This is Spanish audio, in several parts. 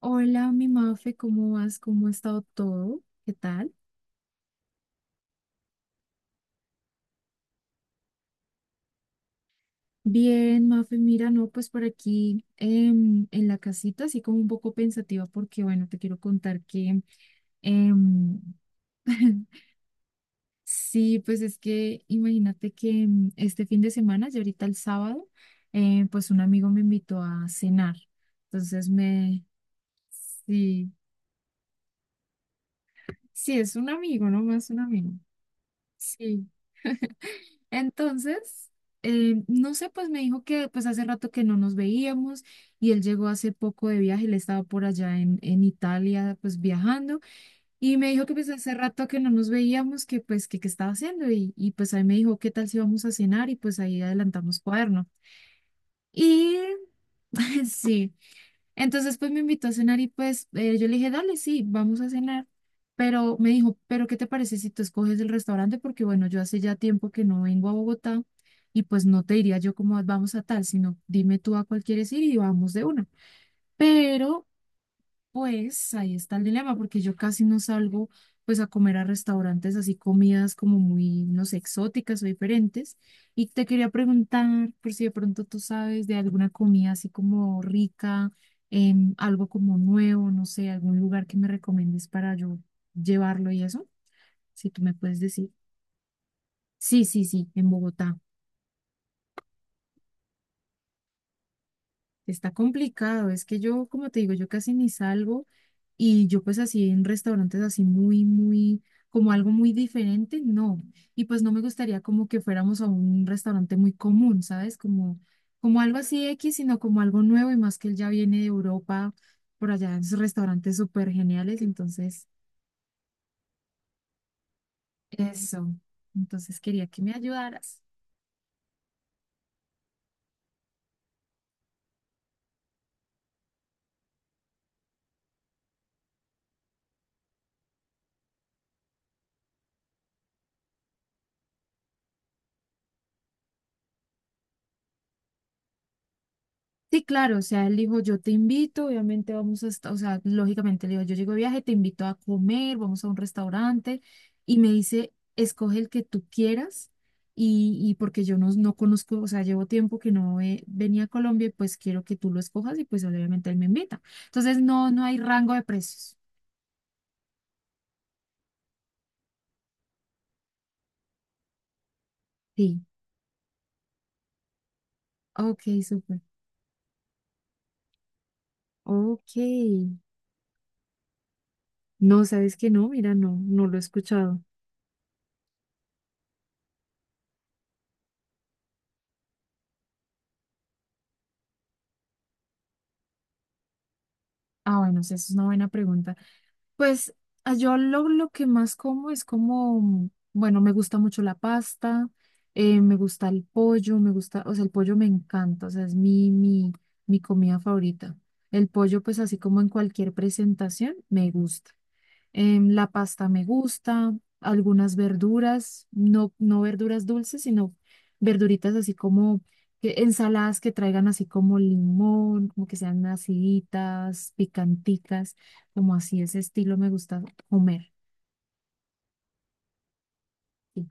Hola, mi Mafe, ¿cómo vas? ¿Cómo ha estado todo? ¿Qué tal? Bien, Mafe, mira, no, pues por aquí en la casita, así como un poco pensativa, porque bueno, te quiero contar que em, sí, pues es que imagínate que este fin de semana, ya ahorita el sábado, pues un amigo me invitó a cenar. Entonces me, sí, sí, es un amigo, no más un amigo. Sí. Entonces, no sé, pues me dijo que pues hace rato que no nos veíamos y él llegó hace poco de viaje, él estaba por allá en Italia pues viajando y me dijo que pues hace rato que no nos veíamos, que pues que qué estaba haciendo y pues ahí me dijo qué tal si vamos a cenar y pues ahí adelantamos cuaderno. Y sí. Entonces, pues me invitó a cenar y pues yo le dije, dale, sí, vamos a cenar. Pero me dijo, pero ¿qué te parece si tú escoges el restaurante? Porque bueno, yo hace ya tiempo que no vengo a Bogotá y pues no te diría yo como vamos a tal, sino dime tú a cuál quieres ir y vamos de una. Pero pues ahí está el dilema, porque yo casi no salgo pues a comer a restaurantes así comidas como muy, no sé, exóticas o diferentes. Y te quería preguntar por si de pronto tú sabes de alguna comida así como rica, algo como nuevo, no sé, algún lugar que me recomiendes para yo llevarlo y eso, si tú me puedes decir. Sí, sí, sí, en Bogotá. Está complicado, es que yo, como te digo, yo casi ni salgo. Y yo pues así en restaurantes así muy, muy, como algo muy diferente, no. Y pues no me gustaría como que fuéramos a un restaurante muy común, ¿sabes? Como algo así X, sino como algo nuevo y más que él ya viene de Europa, por allá en sus restaurantes súper geniales. Entonces, eso. Entonces quería que me ayudaras. Sí, claro, o sea, él dijo, yo te invito, obviamente vamos a estar, o sea, lógicamente le digo, yo llego de viaje, te invito a comer, vamos a un restaurante, y me dice, escoge el que tú quieras, y porque yo no conozco, o sea, llevo tiempo que no venía a Colombia, y pues quiero que tú lo escojas, y pues obviamente él me invita. Entonces, no, no hay rango de precios. Sí, ok, súper. Ok. No, sabes que no, mira, no, no lo he escuchado. Ah, bueno, sí, esa es una buena pregunta. Pues yo lo que más como es como, bueno, me gusta mucho la pasta, me gusta el pollo, me gusta, o sea, el pollo me encanta, o sea, es mi comida favorita. El pollo, pues así como en cualquier presentación, me gusta. La pasta me gusta, algunas verduras, no, no verduras dulces, sino verduritas así como ensaladas que traigan así como limón, como que sean aciditas, picanticas, como así ese estilo me gusta comer. Sí.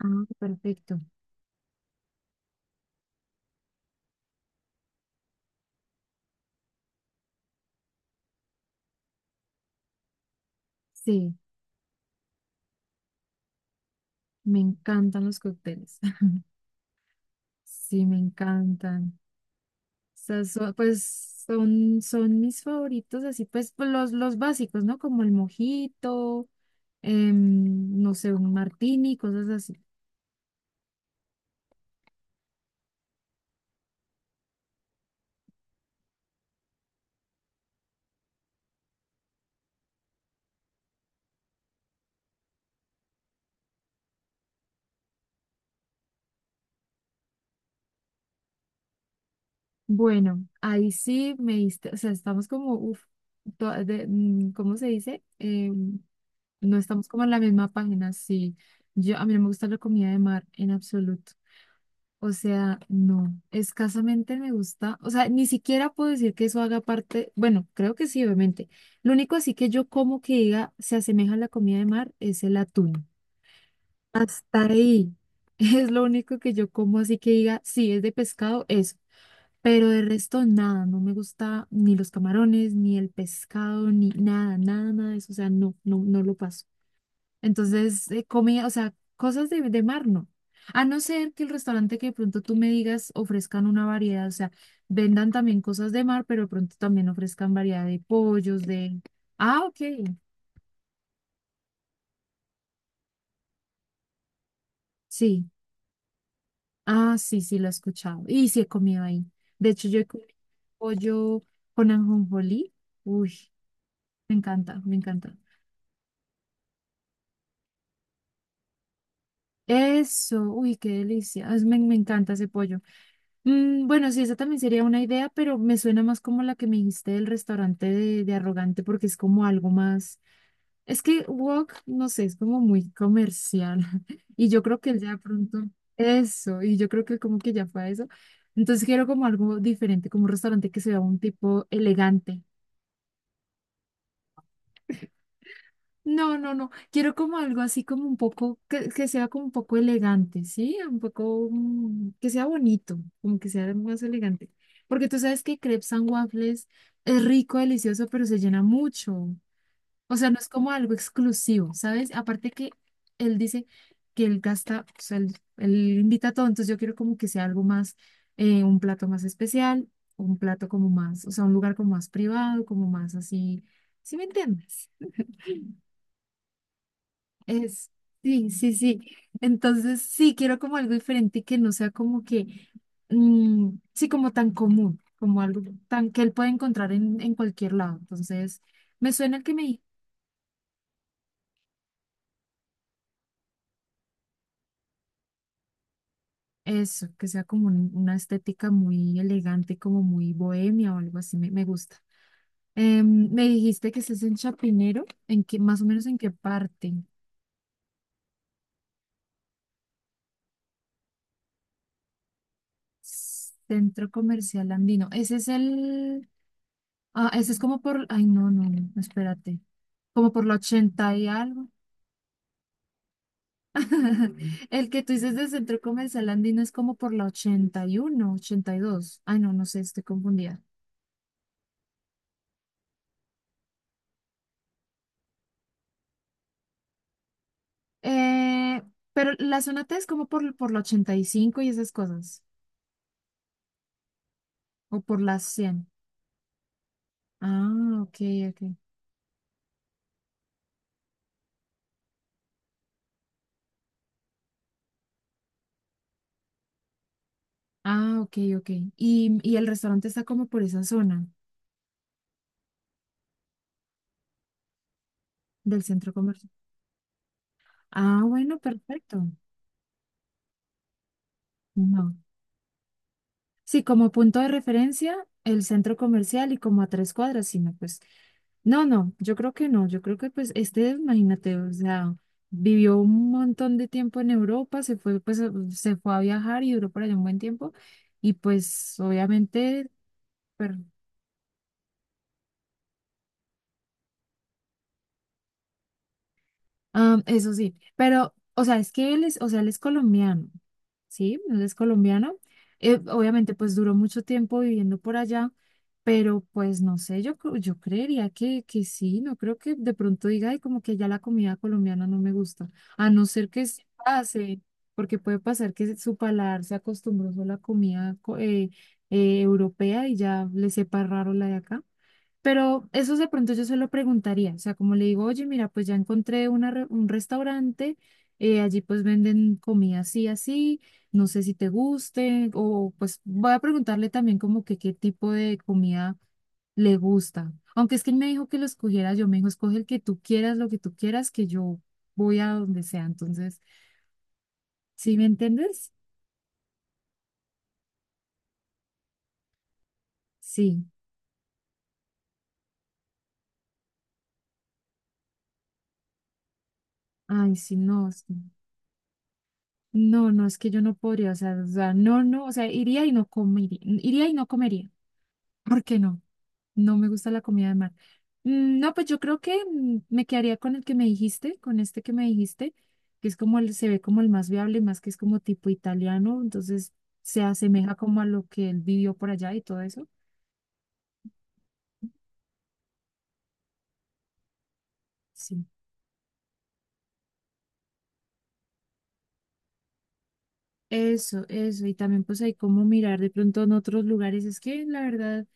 Ah, perfecto. Sí, me encantan los cócteles. Sí, me encantan. Sea, pues son mis favoritos, así pues, los básicos, ¿no? Como el mojito, no sé, un martini, cosas así. Bueno, ahí sí me diste, o sea, estamos como, uff, ¿cómo se dice? No estamos como en la misma página, sí. Yo, a mí no me gusta la comida de mar en absoluto. O sea, no, escasamente me gusta, o sea, ni siquiera puedo decir que eso haga parte, bueno, creo que sí, obviamente. Lo único así que yo como que diga se asemeja a la comida de mar es el atún. Hasta ahí es lo único que yo como así que diga, sí, es de pescado, eso. Pero de resto nada, no me gusta ni los camarones, ni el pescado, ni nada, nada, nada de eso, o sea, no, no, no lo paso. Entonces, comida, o sea, cosas de mar no. A no ser que el restaurante que de pronto tú me digas ofrezcan una variedad, o sea, vendan también cosas de mar, pero de pronto también ofrezcan variedad de pollos, de... Ah, ok, sí. Ah, sí, sí, lo he escuchado. Y sí he comido ahí. De hecho, yo he comido pollo con ajonjolí. Uy, me encanta, me encanta. Eso, uy, qué delicia. Me encanta ese pollo. Mm, bueno, sí, esa también sería una idea, pero me suena más como la que me dijiste del restaurante de Arrogante, porque es como algo más. Es que Wok, no sé, es como muy comercial. Y yo creo que él ya pronto. Eso, y yo creo que como que ya fue a eso. Entonces quiero como algo diferente, como un restaurante que sea un tipo elegante. No, no, no. Quiero como algo así como un poco, que sea como un poco elegante, ¿sí? Un poco, que sea bonito, como que sea más elegante. Porque tú sabes que crepes and waffles es rico, delicioso, pero se llena mucho. O sea, no es como algo exclusivo, ¿sabes? Aparte que él dice que él gasta, o sea, él invita a todo, entonces yo quiero como que sea algo más, un plato más especial, un plato como más, o sea, un lugar como más privado, como más así, ¿sí me entiendes? Es, sí, sí, sí. Entonces, sí, quiero como algo diferente y que no sea como que, sí, como tan común, como algo tan que él puede encontrar en cualquier lado. Entonces, me suena el que me eso, que sea como una estética muy elegante, como muy bohemia o algo así, me gusta. Me dijiste que estás en Chapinero, ¿en qué, más o menos en qué parte? Centro Comercial Andino. Ese es el. Ah, ese es como por, ay, no, no, no, espérate, como por la 80 y algo. El que tú dices del centro comercial Andino es como por la 80, 81, 82. Ay, no, no sé, estoy confundida. Eh, pero la zona T es como por la 85 y esas cosas, o por las 100. Ah, ok, ok. Ah, ok, ok. Y el restaurante está como por esa zona del centro comercial. Ah, bueno, perfecto. No. Sí, como punto de referencia, el centro comercial y como a 3 cuadras, sino pues, no, no, yo creo que no, yo creo que pues este, imagínate, o sea, vivió un montón de tiempo en Europa, se fue, pues, se fue a viajar y duró por allá un buen tiempo, y pues obviamente Ah, eso sí, pero, o sea, es que él es, o sea, él es colombiano, ¿sí? Él es colombiano. Obviamente, pues duró mucho tiempo viviendo por allá, pero pues no sé, yo creería que sí, no creo que de pronto diga, ay, como que ya la comida colombiana no me gusta, a no ser que se pase, porque puede pasar que su paladar se acostumbró solo a la comida europea y ya le sepa raro la de acá. Pero eso de pronto yo se lo preguntaría, o sea, como le digo, oye, mira, pues ya encontré un restaurante, allí pues venden comida así, así, no sé si te guste, o pues voy a preguntarle también como que qué tipo de comida le gusta. Aunque es que él me dijo que lo escogiera yo, me dijo, escoge el que tú quieras, lo que tú quieras, que yo voy a donde sea. Entonces, ¿sí me entiendes? Sí. Ay, sí, no. Sí. No, no, es que yo no podría, o sea, no, no, o sea, iría y no comería, iría y no comería. ¿Por qué no? No me gusta la comida de mar. Mm. No, pues yo creo que me quedaría con el que me dijiste, con este que me dijiste, que es como el, se ve como el más viable, más que es como tipo italiano, entonces se asemeja como a lo que él vivió por allá y todo eso. Sí. Eso, eso. Y también pues hay como mirar de pronto en otros lugares. Es que la verdad.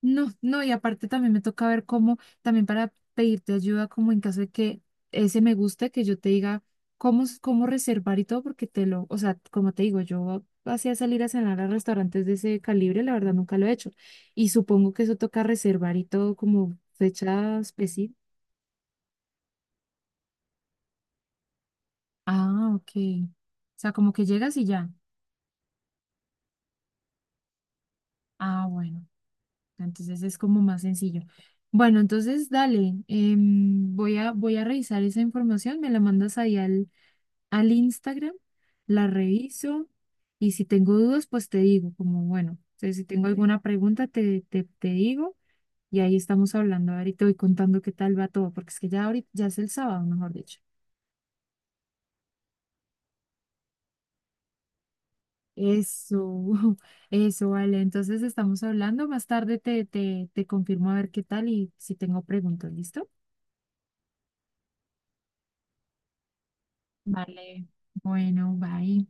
No, no, y aparte también me toca ver cómo, también para pedirte ayuda, como en caso de que ese me guste, que yo te diga cómo, cómo reservar y todo, porque te lo, o sea, como te digo, yo hacía salir a cenar a restaurantes de ese calibre, la verdad nunca lo he hecho. Y supongo que eso toca reservar y todo como fecha específica. Ah, ok. O sea, como que llegas y ya. Ah, bueno. Entonces es como más sencillo. Bueno, entonces dale, voy a, revisar esa información, me la mandas ahí al Instagram, la reviso y si tengo dudas, pues te digo, como bueno, si tengo alguna pregunta, te digo y ahí estamos hablando. Ahorita y te voy contando qué tal va todo, porque es que ya ahorita, ya es el sábado, mejor dicho. Eso, eso, vale. Entonces estamos hablando. Más tarde te confirmo a ver qué tal y si tengo preguntas, ¿listo? Vale. Bueno, bye.